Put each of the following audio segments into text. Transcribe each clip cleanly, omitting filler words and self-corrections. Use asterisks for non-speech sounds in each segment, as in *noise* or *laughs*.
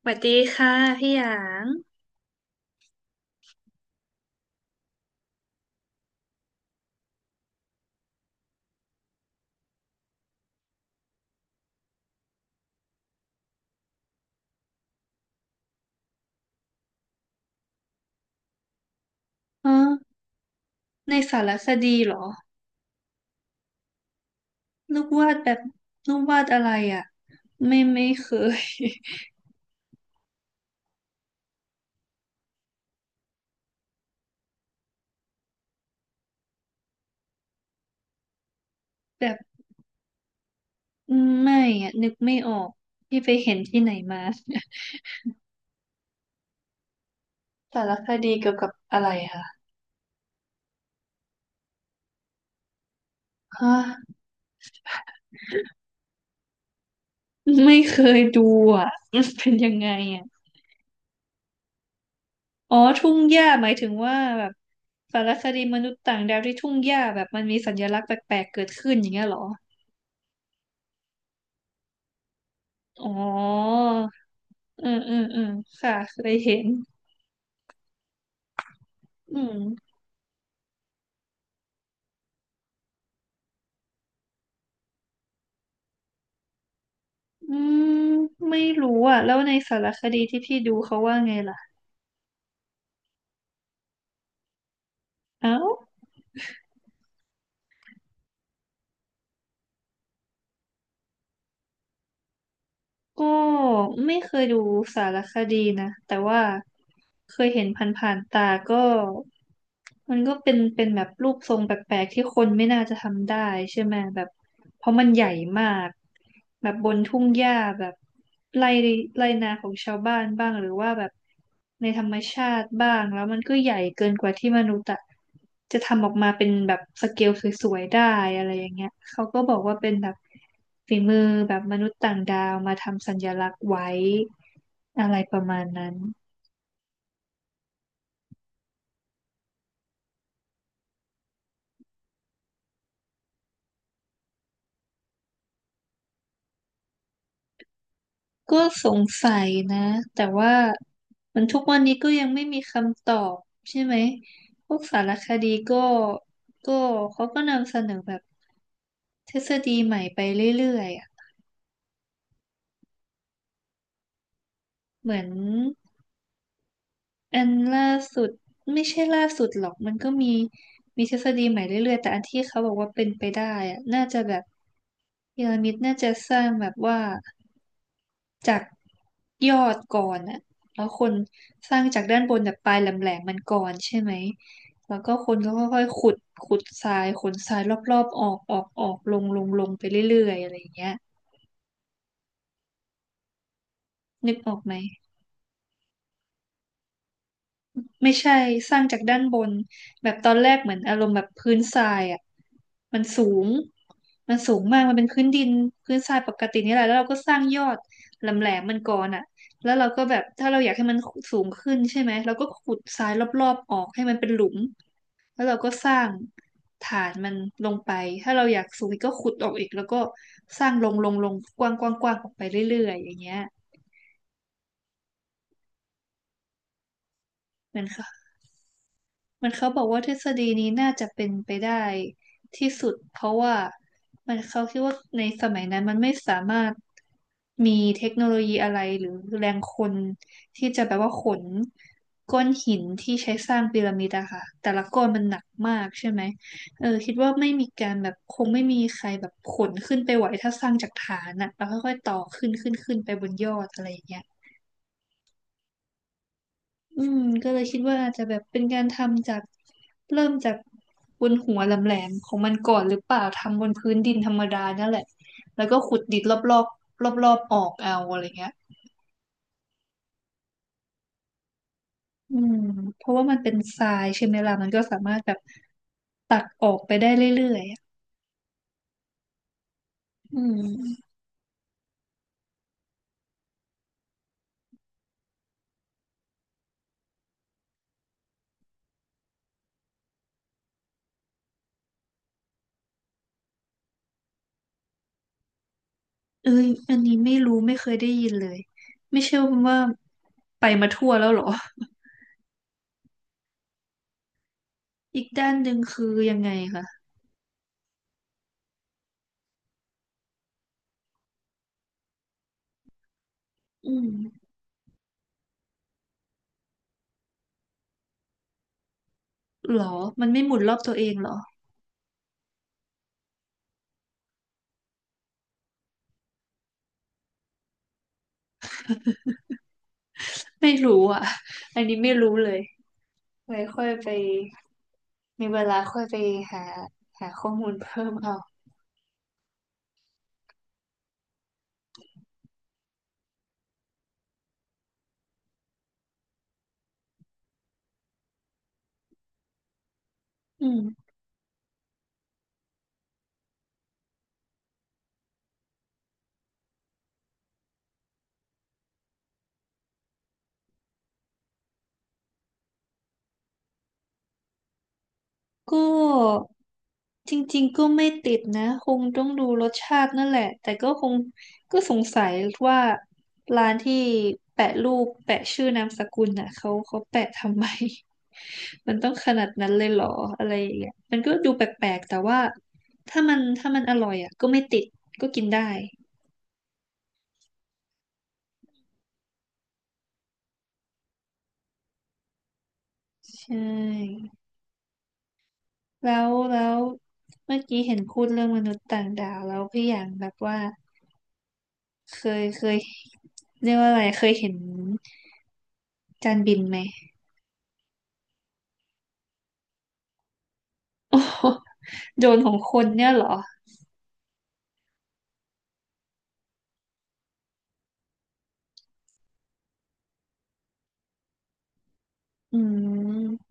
สวัสดีค่ะพี่หยางอ๋อในสารคดีเหรอลูกวาดแบบลูกวาดอะไรอ่ะไม่เคย *laughs* แบบไม่อ่ะนึกไม่ออกพี่ไปเห็นที่ไหนมา *laughs* สารคดีเกี่ยวกับอะไรคะฮะไม่เคยดูอ่ะ *laughs* มันเป็นยังไงอ่ะอ๋อทุ่งหญ้าหมายถึงว่าแบบสารคดีมนุษย์ต่างดาวที่ทุ่งหญ้าแบบมันมีสัญลักษณ์แปลกๆเกิดขึ้นอย่างเงี้ยเหรออ๋อเออเออเออค่ะเคยเห็นอืม อืมไม่รู้อ่ะแล้วในสารคดีที่พี่ดูเขาว่าไงล่ะเอ้า ก็ไม่เคยดูสารคดีนะแต่ว่าเคยเห็นผ่านๆตาก็มันก็เป็นแบบรูปทรงแปลกๆที่คนไม่น่าจะทำได้ใช่ไหมแบบเพราะมันใหญ่มากแบบบนทุ่งหญ้าแบบไร่ไร่นาของชาวบ้านบ้างหรือว่าแบบในธรรมชาติบ้างแล้วมันก็ใหญ่เกินกว่าที่มนุษย์อะจะทำออกมาเป็นแบบสเกลสวยๆได้อะไรอย่างเงี้ยเขาก็บอกว่าเป็นแบบ ฝีมือแบบมนุษย์ต่างดาวมาทำสัญลักษณ์ไว้อะไรประมาณนั้นก็สงสัยนะแต่ว่ามันทุกวันนี้ก็ยังไม่มีคำตอบใช่ไหมพวกสารคดีก็เขาก็นำเสนอแบบทฤษฎีใหม่ไปเรื่อยๆอะเหมือนอันล่าสุดไม่ใช่ล่าสุดหรอกมันก็มีมีทฤษฎีใหม่เรื่อยๆแต่อันที่เขาบอกว่าเป็นไปได้อะน่าจะแบบพีระมิดน่าจะสร้างแบบว่า จากยอดก่อนอะแล้วคนสร้างจากด้านบนแบบปลายแหลมๆมันก่อนใช่ไหมแล้วก็คนก็ค่อยๆขุดขุดทรายขนทรายรอบๆออกออกออกลงลงลงไปเรื่อยๆอะไรอย่างเงี้ยนึกออกไหมไม่ใช่สร้างจากด้านบนแบบตอนแรกเหมือนอารมณ์แบบพื้นทรายอะ มันสูงมันสูงมากมันเป็นพื้นดินพื้นทรายปกตินี่แหละแล้วเราก็สร้างยอดแหลมแหลมมันก่อนอ่ะแล้วเราก็แบบถ้าเราอยากให้มันสูงขึ้นใช่ไหมเราก็ขุดทรายรอบๆออกให้มันเป็นหลุมแล้วเราก็สร้างฐานมันลงไปถ้าเราอยากสูงอีกก็ขุดออกอีกแล้วก็สร้างลงลงลงกว้างกว้างกว้างออกไปเรื่อยๆอย่างเงี้ยมัน มันเขาบอกว่าทฤษฎีนี้น่าจะเป็นไปได้ที่สุดเพราะว่ามันเขาคิดว่าในสมัยนั้นมันไม่สามารถมีเทคโนโลยีอะไรหรือแรงคนที่จะแบบว่าขนก้อนหินที่ใช้สร้างพีระมิดอะค่ะแต่ละก้อนมันหนักมากใช่ไหมเออคิดว่าไม่มีการแบบคงไม่มีใครแบบขนขึ้นไปไหวถ้าสร้างจากฐานอะแล้วค่อยๆต่อขึ้นขึ้นขึ้นไปบนยอดอะไรอย่างเงี้ย อืมก็เลยคิดว่าอาจจะแบบเป็นการทำจากเริ่มจากบนหัวแหลมๆของมันก่อนหรือเปล่าทำบนพื้นดินธรรมดานั่นแหละแล้วก็ขุดดินรอบๆรอบๆออกเอาอะไรเงี้ยอืมเพราะว่ามันเป็นทรายใช่ไหมล่ะมันก็สามารถแบบตักออกไปได้เรื่อยๆอะอืมเอ้ยอันนี้ไม่รู้ไม่เคยได้ยินเลยไม่เชื่อว่าไปมาทั่วแล้วเหรออีกด้านหนึ่งคือยังไงคะอืมหรอมันไม่หมุนรอบตัวเองเหรอ ไม่รู้อ่ะอันนี้ไม่รู้เลยไว้ค่อยไปมีเวลาค่อยไปหาหาข้อมูลเพิ่มเอาอืมก็จริงๆก็ไม่ติดนะคงต้องดูรสชาตินั่นแหละแต่ก็คงก็สงสัยว่าร้านที่แปะรูปแปะชื่อนามสกุลน่ะเขาแปะทำไม *laughs* มันต้องขนาดนั้นเลยเหรออะไรอย่างเงี้ยมันก็ดูแปลกๆแต่ว่าถ้ามันอร่อยอ่ะก็ไม่ติดก็กินได้ใช่ แล้วเมื่อกี้เห็นพูดเรื่องมนุษย์ต่างดาวแล้วพี่อย่างแบบว่าเคยเรียกว่าอะไรเคยเห็นจานบินไหมโอ้โห *laughs* โดรนของคนเนี่ยเหรออืม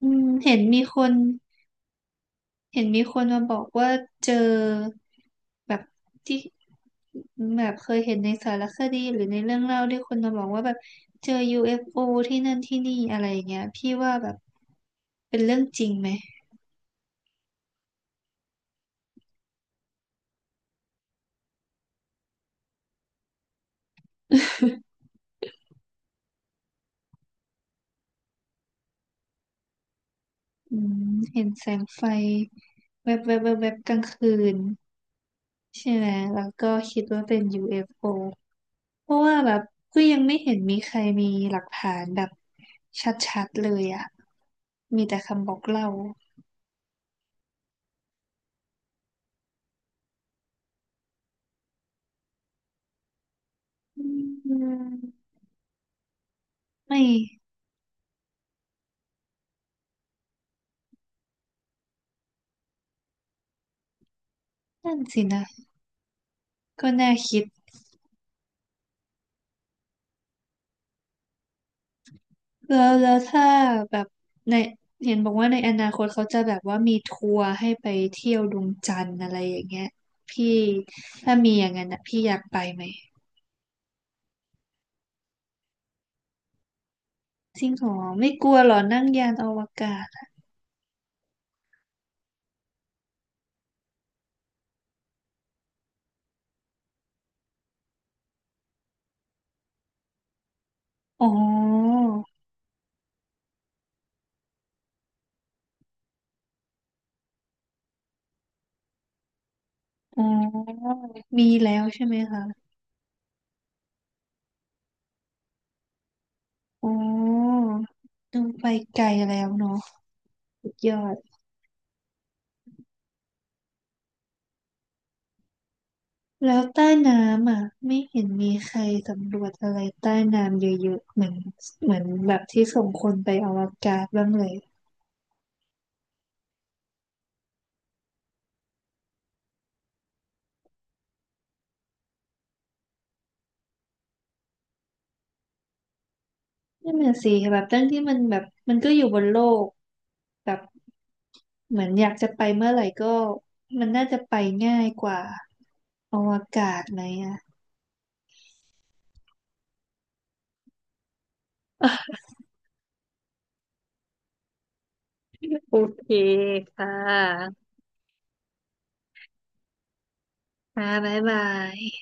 อืมเห็นมีคนเห็นมีคนมาบอกว่าเจอแบบที่แบบเคยเห็นในสารคดีหรือในเรื่องเล่าที่คนมาบอกว่าแบบเจอ UFO ที่นั่นที่นี่อะไรอย่างเงี้ยพี่ว่าแบบเป็นเรื่องจริงไหม *laughs* อืมเห็นแสงไฟแวบแวบแวบแวบกลางคืนใช่ไหม แล้วก็คิดว่าเป็น UFO เอฟโอเพราะว่าแบบก็ยังไม่เห็นมีใครมีหลักฐานแบบชัดๆเลยอ่ะมีแต่คำบอกเล่าอืมไม่นั่นสินะก็น่าคิดแล้วถ้าแบบในเห็นบอกว่าในอนาคตเขาจะแบบว่ามีทัวร์ให้ไปเที่ยวดวงจันทร์อะไรอย่างเงี้ยพี่ถ้ามีอย่างนั้นนะพี่อยากไปไหม จริงเหรอไม่กลัวเหรอนั่งยานอวกาศอ๋ออ๋อมีแล้วใช่ไหมคะอ๋อลงไปไกลแล้วเนาะสุดยอดแล้วใต้น้ำอ่ะไม่เห็นมีใครสำรวจอะไรใต้น้ำเยอะๆเหมือนเหมือนแบบที่ส่งคนไปอวกาศบ้างเลยนั่นน่ะสิแบบตั้งที่มันแบบมันก็อยู่บนโลกแบบเหมือนอยากจะไปเมื่อไหร่ก็มันน่าจะไปง่ายกว่าอวกาศไหมอ่ะเออ โอเคค่ะค่ะบ๊ายบาย